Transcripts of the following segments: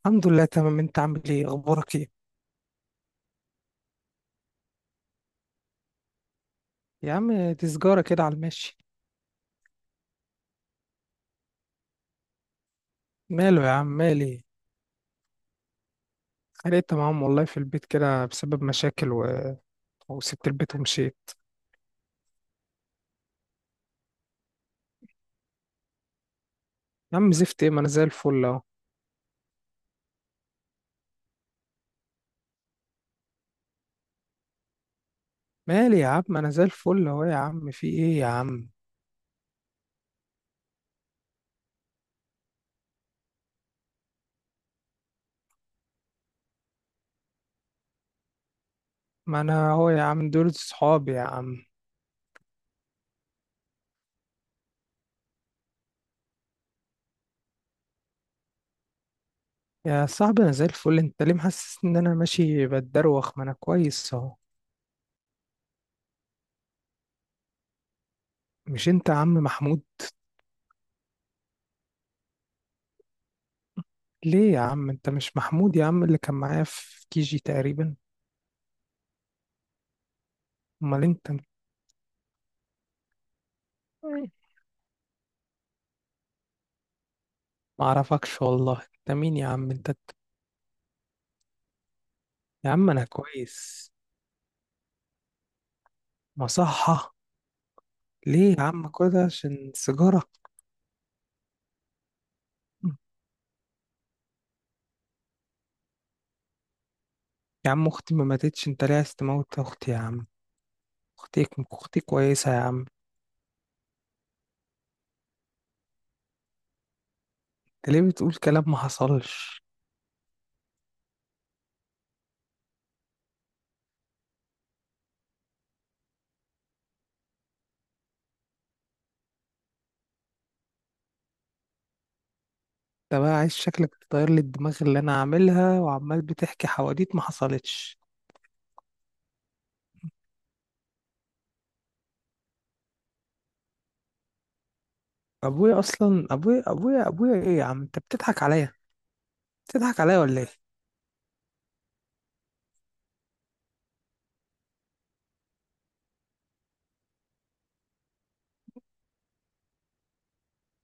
الحمد لله، تمام. انت عامل ايه؟ اخبارك ايه؟ يا عم، دي سجارة كده على الماشي. ماله يا عم؟ مالي. اتخانقت معاهم والله في البيت كده بسبب مشاكل وسبت البيت ومشيت. يا عم، زفت ايه؟ ما انا زي الفل اهو. مالي يا عم، ما انا زي الفل اهو يا عم. في ايه يا عم؟ ما انا اهو يا عم، دول صحابي يا عم. يا صاحبي، انا زي الفل. انت ليه محسس ان انا ماشي بتدروخ؟ ما انا كويس اهو. مش انت يا عم محمود؟ ليه يا عم؟ انت مش محمود يا عم اللي كان معايا في كيجي تقريبا؟ امال انت؟ ما اعرفكش والله. انت مين يا عم انت؟ يا عم انا كويس. مصحة؟ ليه يا عم كده؟ عشان سيجارة؟ يا عم اختي ما ماتتش. انت ليه عايز تموت اختي يا عم؟ اختي، اختي كويسة يا عم. انت ليه بتقول كلام ما حصلش؟ انت بقى عايز، شكلك تطير لي الدماغ اللي انا عاملها وعمال بتحكي حواديت ما حصلتش. ابويا اصلا، ابويا ايه يا عم؟ انت بتضحك عليا، بتضحك عليا ولا ايه؟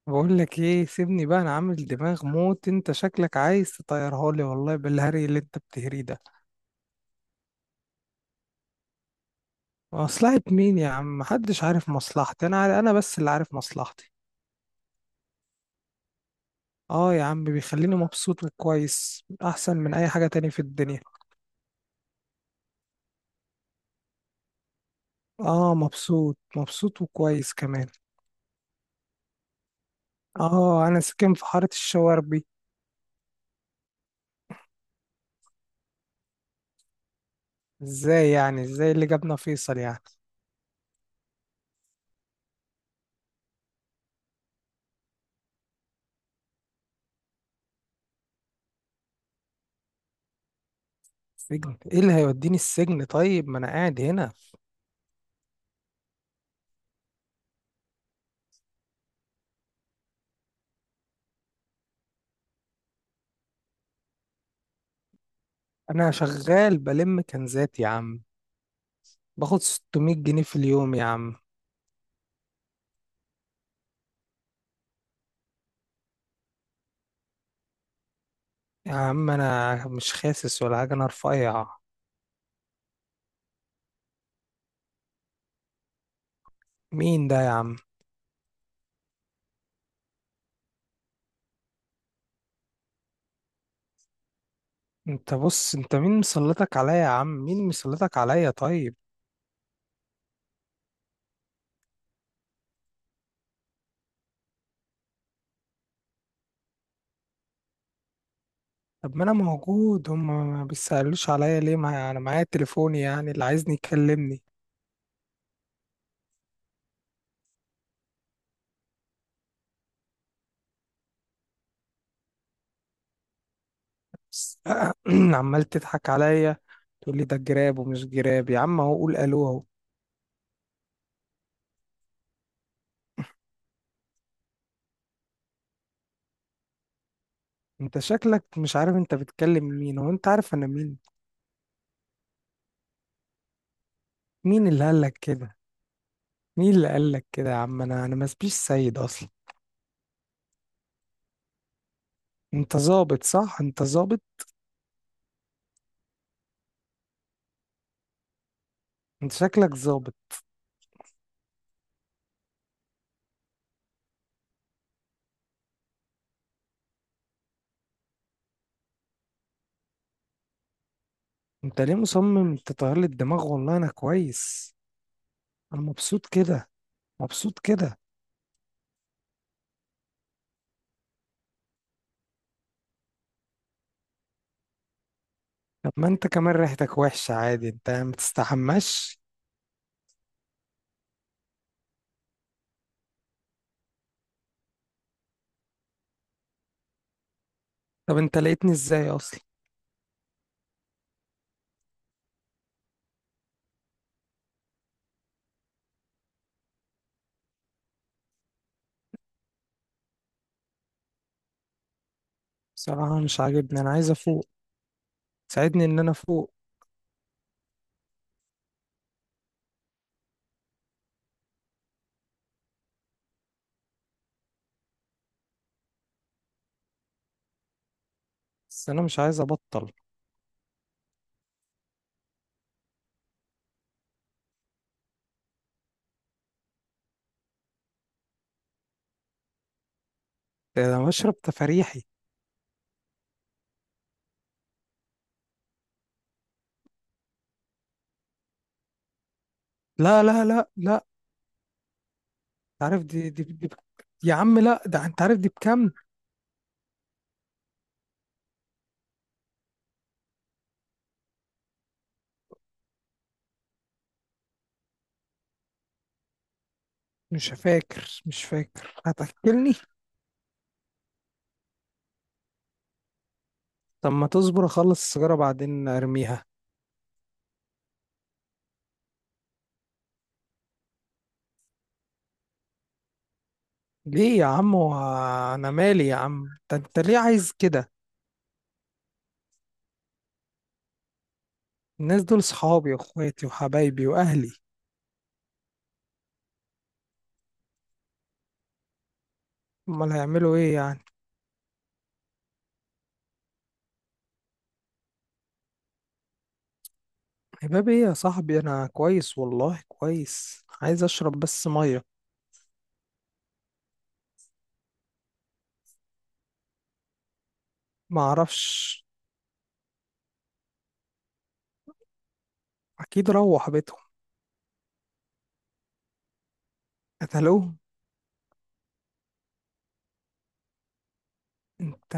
بقول لك ايه، سيبني بقى. انا عامل دماغ موت، انت شكلك عايز تطيرها لي والله بالهري اللي انت بتهريه ده. مصلحة مين يا عم؟ محدش عارف مصلحتي. انا عارف، انا بس اللي عارف مصلحتي. اه يا عم، بيخليني مبسوط وكويس احسن من اي حاجة تاني في الدنيا. اه، مبسوط مبسوط وكويس كمان. اه انا ساكن في حارة الشواربي. ازاي يعني؟ ازاي اللي جابنا فيصل يعني؟ سجن ايه اللي هيوديني السجن؟ طيب ما انا قاعد هنا. انا شغال بلم كنزات يا عم، باخد 600 جنيه في اليوم يا عم. يا عم انا مش خاسس ولا حاجه، انا رفيع. مين ده يا عم؟ انت بص، انت مين مسلطك عليا يا عم؟ مين مسلطك عليا طيب؟ طب ما انا موجود هم. ما بيسألوش عليا ليه؟ ما انا معايا تليفوني يعني، اللي عايزني يكلمني. بس عمال تضحك عليا. تقول لي ده جراب ومش جراب يا عم. اهو قول الو اهو. انت شكلك مش عارف انت بتكلم مين. هو انت عارف انا مين؟ مين اللي قالك كده؟ مين اللي قالك كده يا عم؟ انا ما اسبيش سيد اصلا. انت ظابط صح؟ انت ظابط؟ انت شكلك ظابط. انت ليه مصمم تطير لي الدماغ؟ والله انا كويس، انا مبسوط كده. مبسوط كده. طب ما انت كمان ريحتك وحشة عادي، انت ما تستحماش. طب انت لقيتني ازاي اصلا؟ بصراحة مش عاجبني، انا عايز افوق. ساعدني ان انا افوق. بس انا مش عايز ابطل. ده انا بشرب تفاريحي. لا، لا، لا، لا. انت عارف دي، يا عم، لا، ده انت عارف دي بكام. مش فاكر، مش فاكر. هتاكلني؟ طب ما تصبر اخلص السيجارة بعدين ارميها. ليه يا عم؟ هو انا مالي يا عم؟ انت ليه عايز كده؟ الناس دول صحابي واخواتي وحبايبي واهلي. امال هيعملوا ايه يعني؟ حباب ايه يا صاحبي؟ انا كويس والله كويس، عايز اشرب بس مية. ما اعرفش. اكيد روح بيتهم. قتلوه؟ انت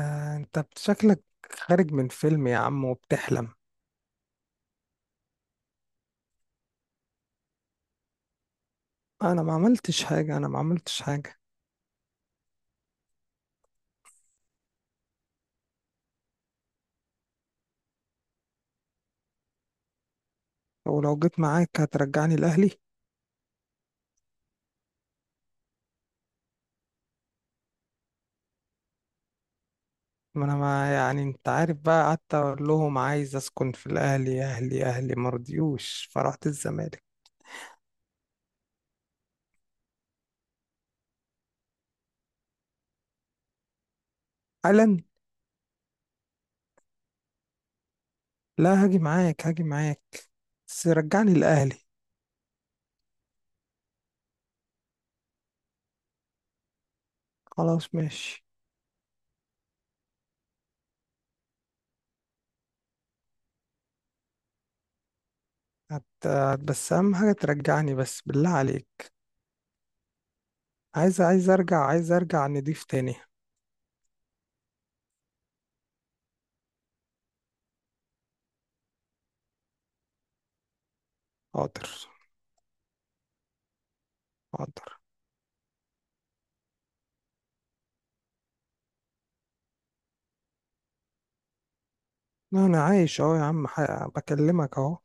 انت شكلك خارج من فيلم يا عم وبتحلم. انا ما عملتش حاجة، انا ما عملتش حاجة. ولو جيت معاك هترجعني لاهلي؟ ما انا ما يعني، انت عارف بقى، قعدت اقول لهم عايز اسكن في الاهلي، اهلي مرضيوش فرحت الزمالك. قال. لا، هاجي معاك، هاجي معاك. بس رجعني الاهلي. خلاص، ماشي. بس اهم حاجه ترجعني، بس بالله عليك. عايز ارجع، عايز ارجع نضيف تاني. حاضر. حاضر. لا انا عايش اهو يا عم، بكلمك اهو.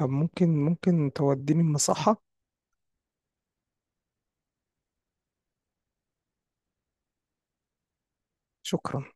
طب ممكن توديني المصحه؟ شكرا.